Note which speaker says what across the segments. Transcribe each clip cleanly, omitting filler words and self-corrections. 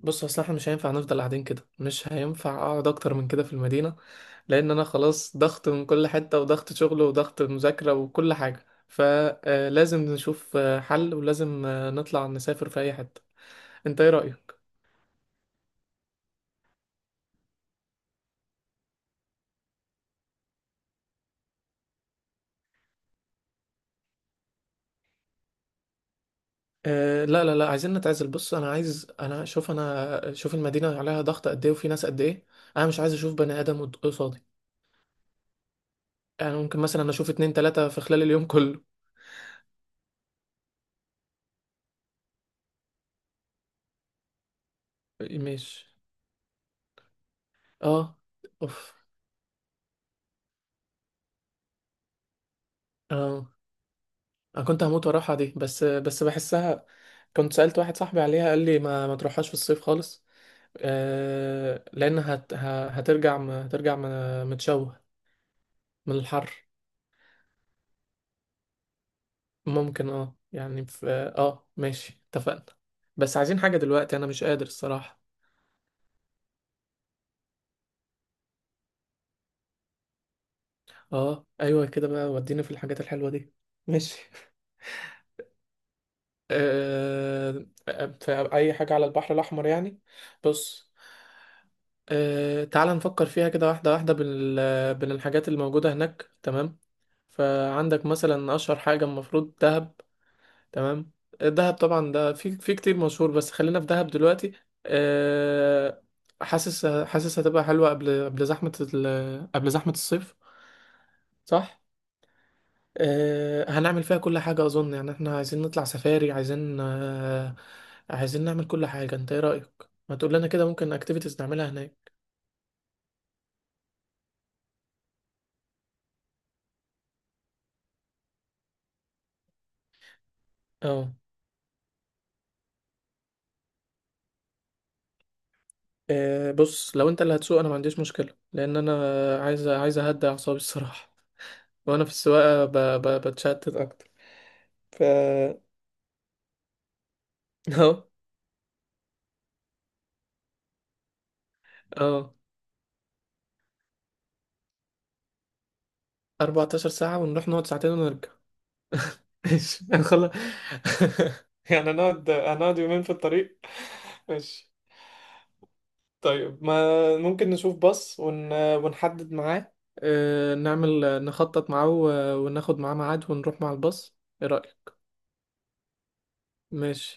Speaker 1: بص اصل احنا مش هينفع نفضل قاعدين كده. مش هينفع اقعد اكتر من كده في المدينة، لان انا خلاص ضغط من كل حتة، وضغط شغل وضغط مذاكرة وكل حاجة، فلازم نشوف حل، ولازم نطلع نسافر في اي حتة. انت ايه رأيك؟ آه لا عايزين نتعزل. بص انا عايز، انا شوف المدينة عليها ضغط قد ايه، وفي ناس قد ايه. انا مش عايز اشوف بني ادم قصادي. يعني ممكن مثلا اشوف اتنين تلاتة في خلال اليوم كله. ماشي. اه. اوف. اه. انا كنت هموت واروحها دي، بس بحسها. كنت سألت واحد صاحبي عليها، قال لي ما تروحهاش في الصيف خالص. آه لان هت ه- هترجع م- هترجع م- متشوه من الحر. ممكن اه يعني في. اه ماشي، اتفقنا. بس عايزين حاجة دلوقتي، انا مش قادر الصراحة. اه ايوه كده بقى، وديني في الحاجات الحلوة دي. ماشي. آه، في أي حاجة على البحر الأحمر يعني. بص، تعال نفكر فيها كده واحدة واحدة بالحاجات اللي موجودة هناك، تمام. فعندك مثلا أشهر حاجة المفروض دهب. تمام. دهب طبعا ده في كتير مشهور، بس خلينا في دهب دلوقتي. آه، حاسس هتبقى حلوة قبل قبل زحمة الصيف، صح؟ هنعمل فيها كل حاجة أظن، يعني احنا عايزين نطلع سفاري، عايزين عايزين نعمل كل حاجة. انت ايه رأيك؟ ما تقول لنا كده ممكن اكتيفيتيز نعملها هناك. اه. بص، لو انت اللي هتسوق انا ما عنديش مشكلة، لأن انا عايز اهدي أعصابي الصراحة. وأنا في السواقة بتشتت أكتر. ف اه. اه، 14 ساعة ونروح نقعد ساعتين ونرجع؟ ماشي، هنخلص. يعني هنقعد يومين في الطريق. ماشي. طيب ما ممكن نشوف باص ونحدد معاه، نعمل نخطط معاه وناخد معاه ميعاد ونروح مع الباص. ايه رأيك؟ ماشي.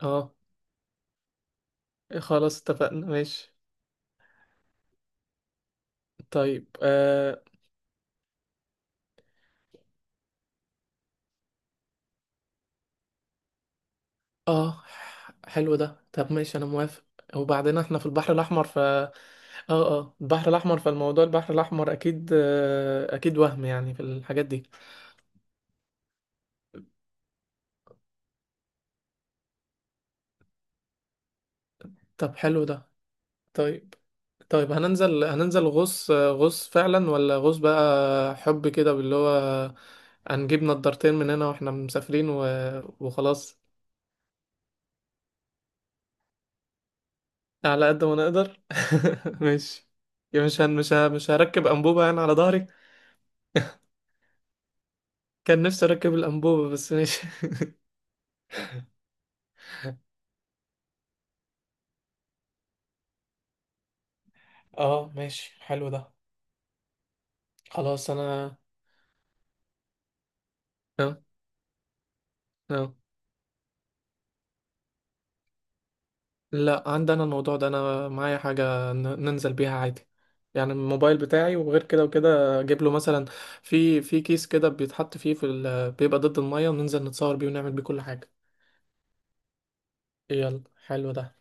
Speaker 1: اه. إيه، خلاص اتفقنا، ماشي. طيب اه. آه. حلو ده، طب ماشي انا موافق. وبعدين احنا في البحر الاحمر ف اه. اه البحر الاحمر، فالموضوع البحر الاحمر اكيد، اكيد وهم يعني في الحاجات دي. طب حلو ده. طيب. طيب هننزل غوص فعلا، ولا غوص بقى حب كده باللي هو، هنجيب نضارتين من هنا واحنا مسافرين وخلاص. على قد ما نقدر ماشي. يا مش هن... مش ه... مش هركب انبوبة انا على ظهري. كان نفسي اركب الانبوبة بس ماشي. اه ماشي حلو ده. خلاص انا اه. اه لا عندي انا الموضوع ده، انا معايا حاجه ننزل بيها عادي. يعني الموبايل بتاعي، وغير كده وكده اجيب له مثلا في كيس كده بيتحط فيه بيبقى ضد الميه، وننزل نتصور بيه ونعمل بيه كل حاجه. يلا حلو ده.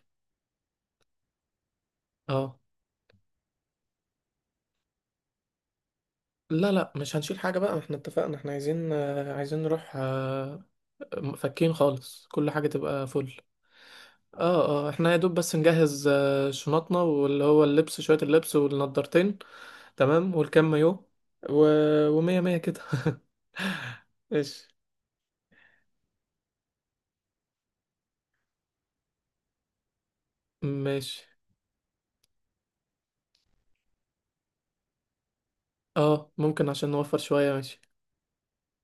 Speaker 1: اه لا لا، مش هنشيل حاجه بقى، احنا اتفقنا احنا عايزين عايزين نروح فكين خالص، كل حاجه تبقى فل. اه. اه احنا يا دوب بس نجهز شنطنا، واللي هو اللبس، شويه اللبس والنضارتين، تمام والكم مايو و... ومية مية كده. ماشي. ماشي. اه ممكن عشان نوفر شوية، ماشي،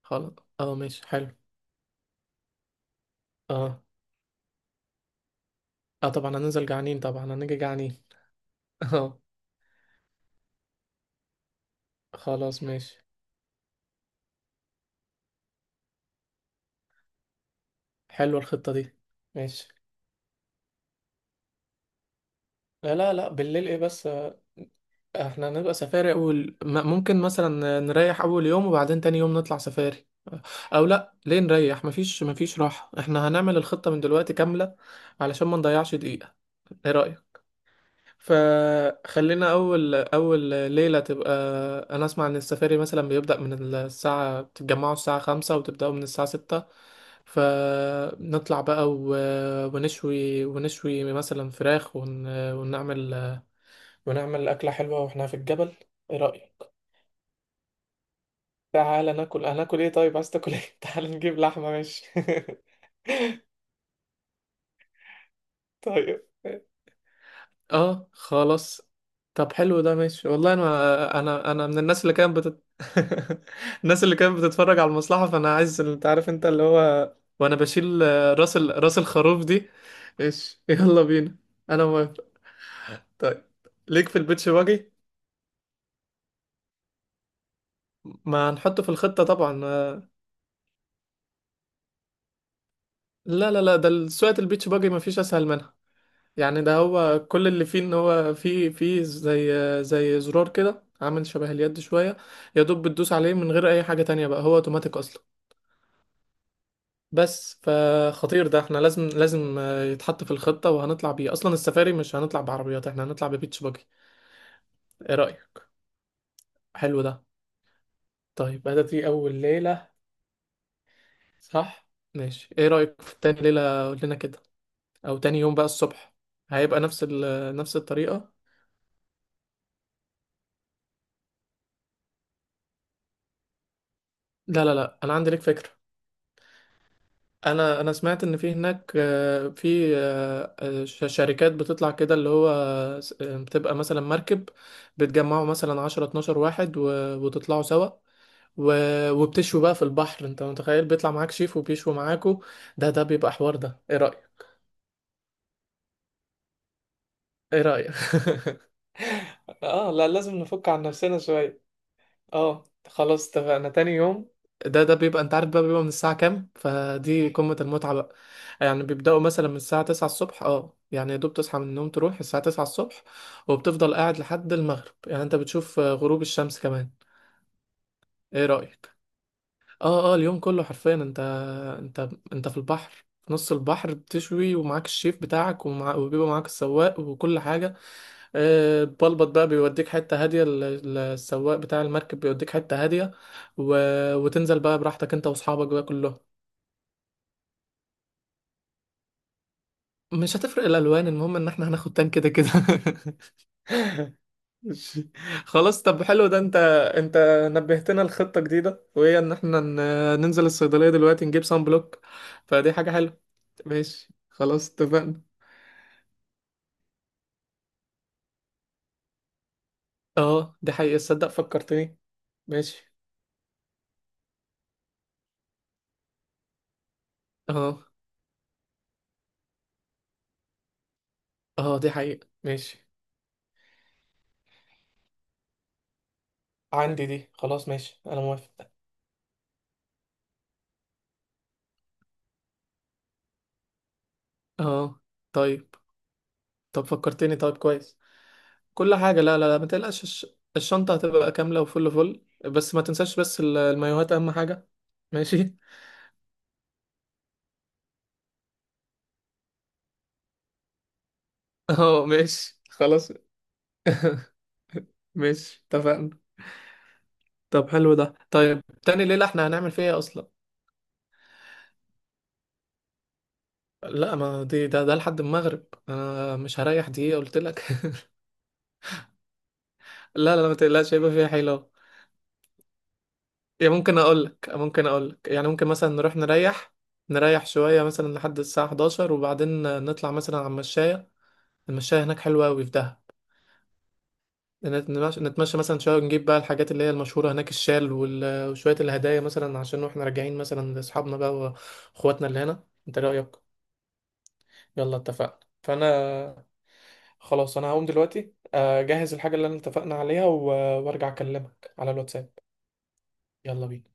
Speaker 1: خلاص. اه ماشي حلو. اه. اه طبعا هننزل جعانين، طبعا هنيجي جعانين. اه خلاص ماشي. حلوة الخطة دي، ماشي. لا لا لا بالليل ايه بس، احنا هنبقى سفاري. ممكن مثلا نريح اول يوم، وبعدين تاني يوم نطلع سفاري. او لا، ليه نريح؟ مفيش راحة، احنا هنعمل الخطة من دلوقتي كاملة علشان ما نضيعش دقيقة. ايه رأيك؟ فخلينا اول ليله تبقى، انا اسمع ان السفاري مثلا بيبدا من الساعه، بتتجمعوا الساعه خمسة وتبداوا من الساعه ستة. فنطلع بقى ونشوي مثلا فراخ ونعمل ونعمل اكله حلوه واحنا في الجبل. ايه رايك؟ تعالى ناكل، هناكل ايه؟ طيب عايز تاكل ايه؟ تعالى نجيب لحمه، ماشي. طيب. اه خلاص. طب حلو ده ماشي، والله انا انا من الناس اللي الناس اللي كانت بتتفرج على المصلحة، فانا عايز، انت عارف انت اللي هو، وانا بشيل راس الخروف دي. ايش يلا بينا، انا موافق. طيب ليك في البيتش باجي؟ ما هنحطه في الخطة طبعا، لا لا لا، ده سواقة البيتش باجي ما فيش اسهل منها. يعني ده هو كل اللي فيه ان هو فيه زي زرار كده، عامل شبه اليد شوية، يا دوب بتدوس عليه من غير اي حاجة تانية، بقى هو اوتوماتيك اصلا. بس فخطير ده، احنا لازم يتحط في الخطة، وهنطلع بيه اصلا. السفاري مش هنطلع بعربيات، احنا هنطلع ببيتش باجي. ايه رأيك؟ حلو ده. طيب هذا دي اول ليلة، صح؟ ماشي، ايه رأيك في تاني ليلة؟ قول لنا كده، او تاني يوم بقى الصبح. نفس الطريقة. لا لا لا انا عندي لك فكرة. انا سمعت ان في هناك آه، في آه، آه، ش- شركات بتطلع كده، اللي هو بتبقى مثلا مركب، بتجمعوا مثلا 10 12 واحد وتطلعوا سوا، وبتشوا بقى في البحر. انت متخيل بيطلع معاك شيف وبيشوا معاكوا؟ ده بيبقى حوار ده، ايه رأيك؟ ايه رأيك؟ اه لا لازم نفك عن نفسنا شوية. اه خلاص اتفقنا، تاني يوم ده بيبقى، انت عارف بقى بيبقى من الساعة كام؟ فدي قمة المتعة بقى. يعني بيبدأوا مثلا من الساعة 9 الصبح، اه يعني يا دوب تصحى من النوم تروح الساعة 9 الصبح، وبتفضل قاعد لحد المغرب، يعني انت بتشوف غروب الشمس كمان. ايه رأيك؟ اه اه اليوم كله حرفيا، انت انت في البحر، في نص البحر بتشوي، ومعاك الشيف بتاعك، وبيبقى معاك السواق وكل حاجة. البلبط بقى بيوديك حتة هادية، السواق بتاع المركب بيوديك حتة هادية، و... وتنزل بقى براحتك انت واصحابك بقى كلهم. مش هتفرق الالوان، المهم ان احنا هناخد تان كده كده. ماشي. خلاص طب حلو ده، انت نبهتنا لخطة جديدة، وهي ان احنا ننزل الصيدلية دلوقتي نجيب صن بلوك. فدي حاجة حلوة، ماشي خلاص اتفقنا. اه دي حقيقة، تصدق فكرتني. ماشي. اه اه دي حقيقة، ماشي. عندي دي، خلاص ماشي انا موافق. اه. طيب. طب فكرتني، طيب كويس. كل حاجة، لا لا لا ما تقلقش الشنطة هتبقى كاملة وفل فل. بس ما تنساش بس المايوهات اهم حاجة. ماشي. اه ماشي خلاص. ماشي اتفقنا. طب حلو ده. طيب تاني ليلة احنا هنعمل فيها إيه اصلا؟ لا ما دي ده لحد المغرب انا مش هريح دقيقة قلت لك. لا لا لا، ما تقلقش هيبقى فيها حيلة. يعني ممكن اقول لك، ممكن اقول لك، يعني ممكن مثلا نروح نريح، نريح شوية مثلا لحد الساعة 11 وبعدين نطلع مثلا على المشاية. المشاية هناك حلوة أوي في دهب. نتمشى مثلا شوية، ونجيب بقى الحاجات اللي هي المشهورة هناك، الشال وشوية الهدايا مثلا، عشان واحنا راجعين مثلا لأصحابنا بقى وإخواتنا اللي هنا. انت رأيك؟ يلا اتفقنا، فأنا خلاص أنا هقوم دلوقتي أجهز الحاجة اللي أنا اتفقنا عليها وأرجع أكلمك على الواتساب. يلا بينا.